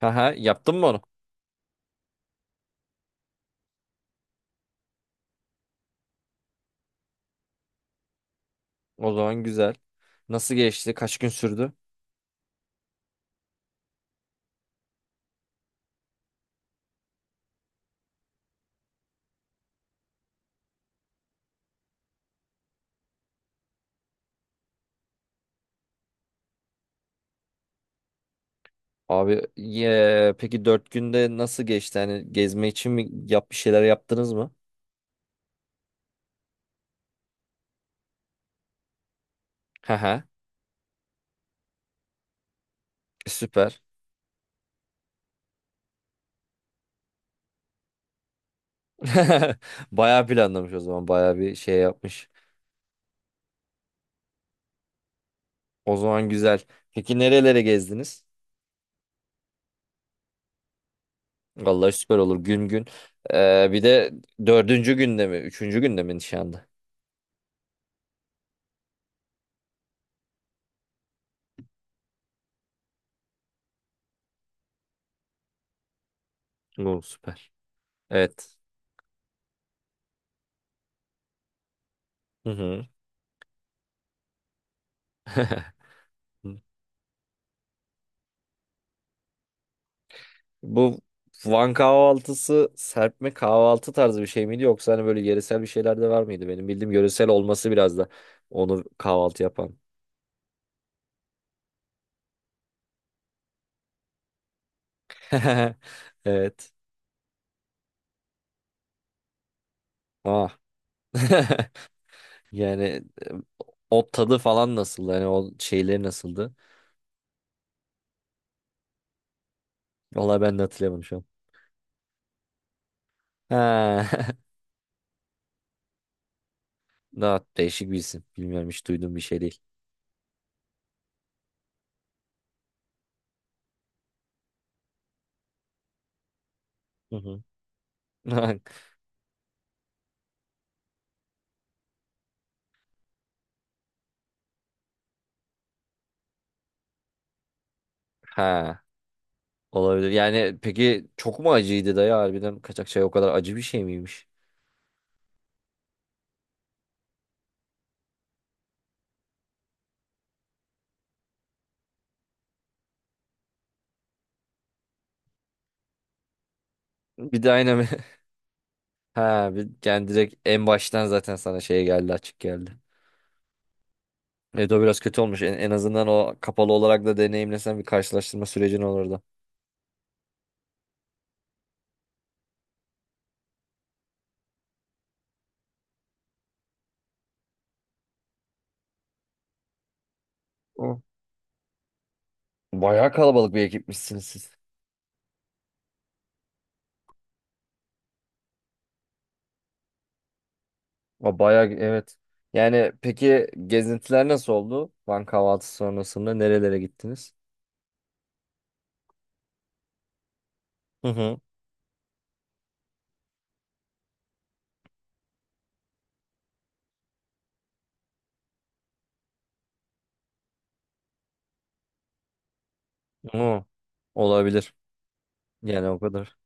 Haha, yaptın mı onu? O zaman güzel. Nasıl geçti? Kaç gün sürdü? Abi ye, peki dört günde nasıl geçti? Hani gezme için mi bir şeyler yaptınız mı? Haha, süper. Bayağı planlamış o zaman. Bayağı bir şey yapmış. O zaman güzel. Peki nerelere gezdiniz? Vallahi süper olur gün gün. Bir de dördüncü günde mi? Üçüncü günde mi nişanda? Oo, süper. Evet. Hı hı. Bu Van kahvaltısı serpme kahvaltı tarzı bir şey miydi yoksa hani böyle yöresel bir şeyler de var mıydı? Benim bildiğim yöresel olması biraz da onu kahvaltı yapan. Evet. Ah. Yani e, o tadı falan nasıldı? Yani o şeyleri nasıldı? Vallahi ben de hatırlayamadım şu an. Ha. Daha değişik bir isim. Bilmiyorum, hiç duyduğum bir şey değil. Hı hı. Ha. Olabilir. Yani peki çok mu acıydı dayı, harbiden kaçak çay o kadar acı bir şey miymiş? Bir de aynen. Ha, yani direkt en baştan zaten sana şey geldi, açık geldi. Evet, o biraz kötü olmuş. En azından o kapalı olarak da deneyimlesen bir karşılaştırma sürecin olurdu. O. Bayağı kalabalık bir ekipmişsiniz siz. Bayağı evet. Yani peki gezintiler nasıl oldu? Van kahvaltısı sonrasında nerelere gittiniz? Hı hı. Hı. Olabilir. Yani o kadar.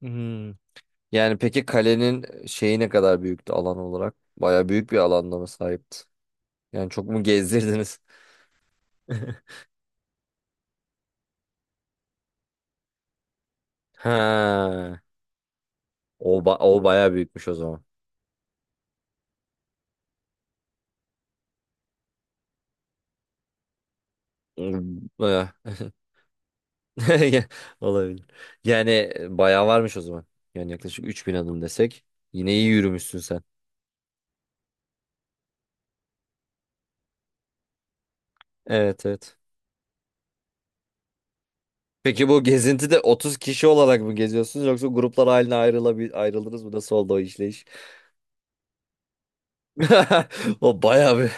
Hmm. Yani peki kalenin şeyi ne kadar büyüktü alan olarak? Bayağı büyük bir alanda mı sahipti? Yani çok mu gezdirdiniz? Ha. O, o bayağı büyükmüş o zaman. Hmm, bayağı. Olabilir. Yani bayağı varmış o zaman. Yani yaklaşık 3000 adım desek. Yine iyi yürümüşsün sen. Evet, evet. Peki bu gezintide 30 kişi olarak mı geziyorsunuz yoksa gruplar haline ayrıldınız mı? Nasıl oldu o işleyiş? O bayağı bir.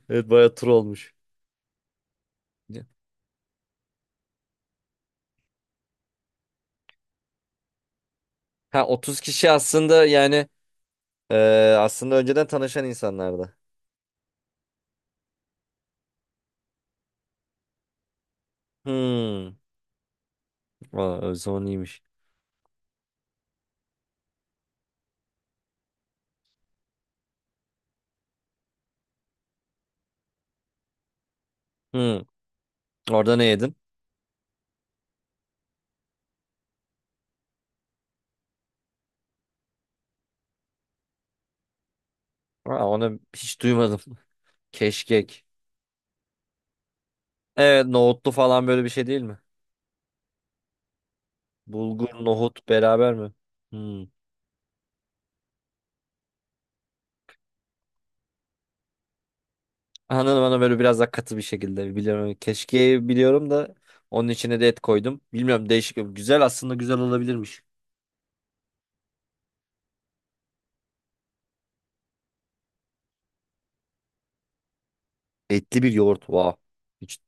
Evet, bayağı tur olmuş. Ha, 30 kişi aslında, yani e, aslında önceden tanışan insanlardı. Hmm. Aa, o zaman iyiymiş. Hmm. Orada ne yedin? Aa, onu hiç duymadım. Keşkek. Evet, nohutlu falan böyle bir şey değil mi? Bulgur, nohut beraber mi? Hmm. Anladım, anladım. Böyle biraz daha katı bir şekilde biliyorum. Keşkeği biliyorum da onun içine de et koydum. Bilmiyorum, değişik. Güzel, aslında güzel olabilirmiş. Etli bir yoğurt. Wow. Hiç...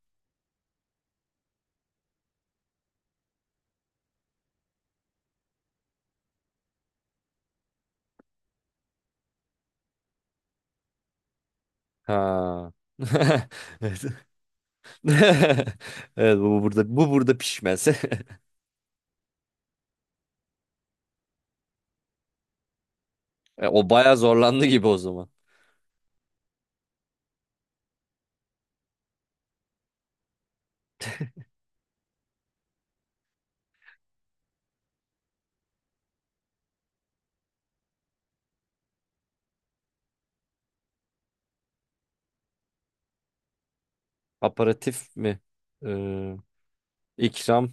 Ha. Evet. Evet, bu burada, bu burada pişmez. E, o bayağı zorlandı gibi o zaman. Aparatif mi? Ee, ikram.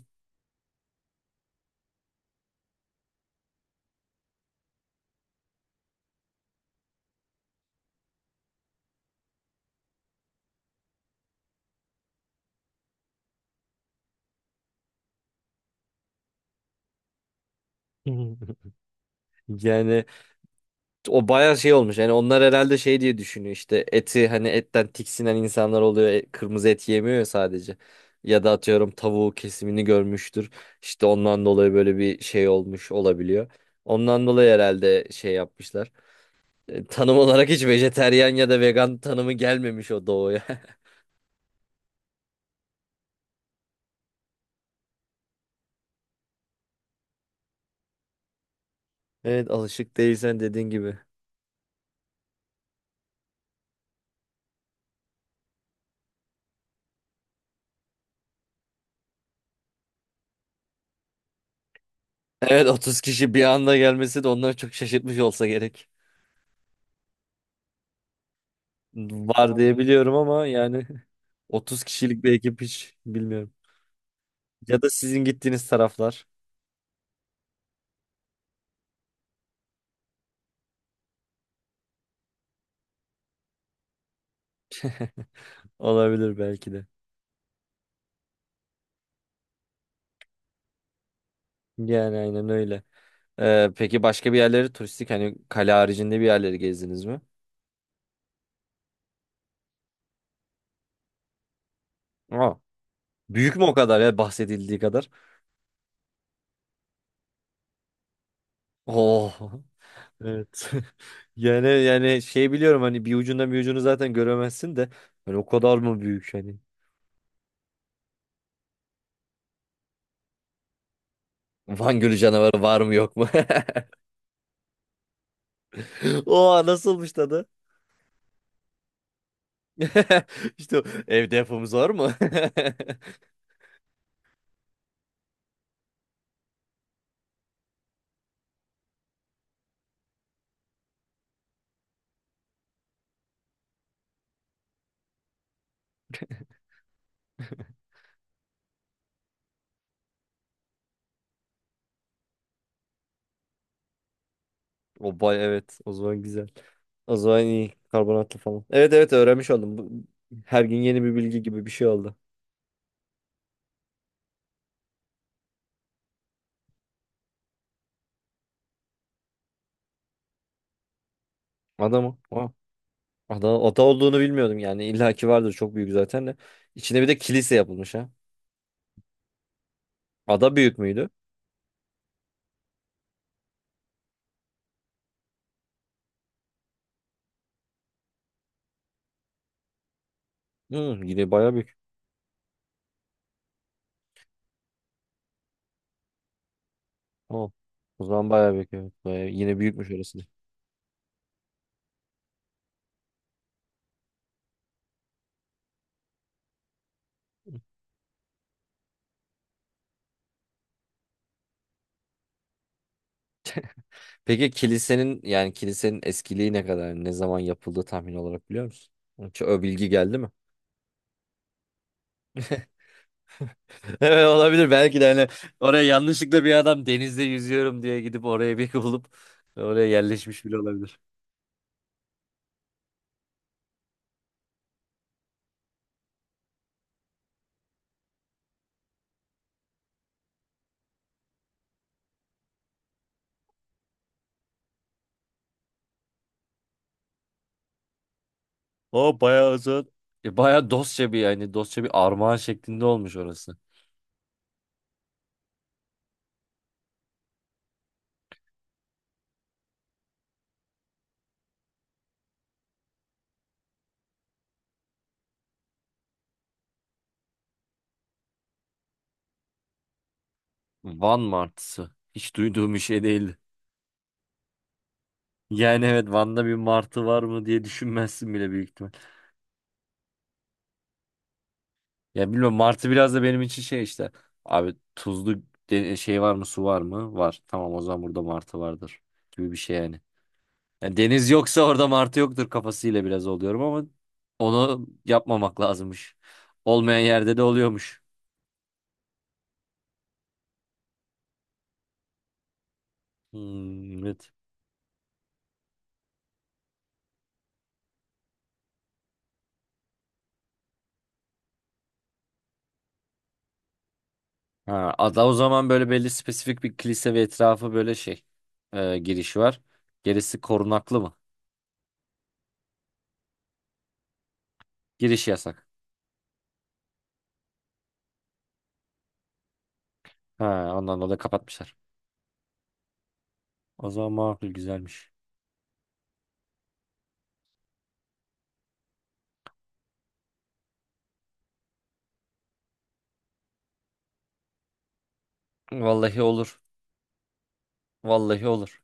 Yani o bayağı şey olmuş. Yani onlar herhalde şey diye düşünüyor, işte eti, hani etten tiksinen insanlar oluyor. E, kırmızı et yemiyor ya sadece. Ya da atıyorum tavuğu kesimini görmüştür. İşte ondan dolayı böyle bir şey olmuş olabiliyor. Ondan dolayı herhalde şey yapmışlar. E, tanım olarak hiç vejeteryan ya da vegan tanımı gelmemiş o doğuya. Evet, alışık değilsen dediğin gibi. Evet, 30 kişi bir anda gelmesi de onları çok şaşırtmış olsa gerek. Var diye biliyorum ama yani 30 kişilik bir ekip hiç bilmiyorum. Ya da sizin gittiğiniz taraflar olabilir belki de. Yani aynen öyle. Peki başka bir yerleri turistik, hani kale haricinde bir yerleri gezdiniz mi? Aa, büyük mü o kadar ya, bahsedildiği kadar? Oh. Evet. Yani, yani şey biliyorum, hani bir ucundan bir ucunu zaten göremezsin de hani o kadar mı büyük hani? Van Gölü canavarı var mı yok mu? Oha, nasılmış tadı? İşte o, evde yapımız var mı? O bay, evet. O zaman güzel. O zaman iyi. Karbonatlı falan. Evet, evet, öğrenmiş oldum. Bu, her gün yeni bir bilgi gibi bir şey oldu. Ada mı? Aa, ada olduğunu bilmiyordum yani. İlla ki vardır, çok büyük zaten de. İçine bir de kilise yapılmış ha. Ada büyük müydü? Hı, yine bayağı büyük. Tamam. O zaman bayağı büyük, evet. Bayağı, yine büyükmüş orası da. Peki kilisenin, yani kilisenin eskiliği ne kadar? Ne zaman yapıldığı tahmin olarak biliyor musun? Hiç o bilgi geldi mi? Evet, olabilir belki de, hani oraya yanlışlıkla bir adam denizde yüzüyorum diye gidip oraya bir bulup oraya yerleşmiş bile olabilir. O bayağı uzun. E, bayağı dostça bir, yani dostça bir armağan şeklinde olmuş orası. Van martısı. Hiç duyduğum bir şey değildi. Yani evet, Van'da bir martı var mı diye düşünmezsin bile büyük ihtimal. Ya bilmiyorum, martı biraz da benim için şey işte. Abi tuzlu şey var mı, su var mı? Var. Tamam, o zaman burada martı vardır gibi bir şey yani. Yani deniz yoksa orada martı yoktur kafasıyla biraz oluyorum ama onu yapmamak lazımmış. Olmayan yerde de oluyormuş. Hmm, evet. Ha, ada o zaman böyle belli spesifik bir kilise ve etrafı böyle şey, giriş var. Gerisi korunaklı mı? Giriş yasak. Ha, ondan dolayı kapatmışlar. O zaman makul, güzelmiş. Vallahi olur. Vallahi olur.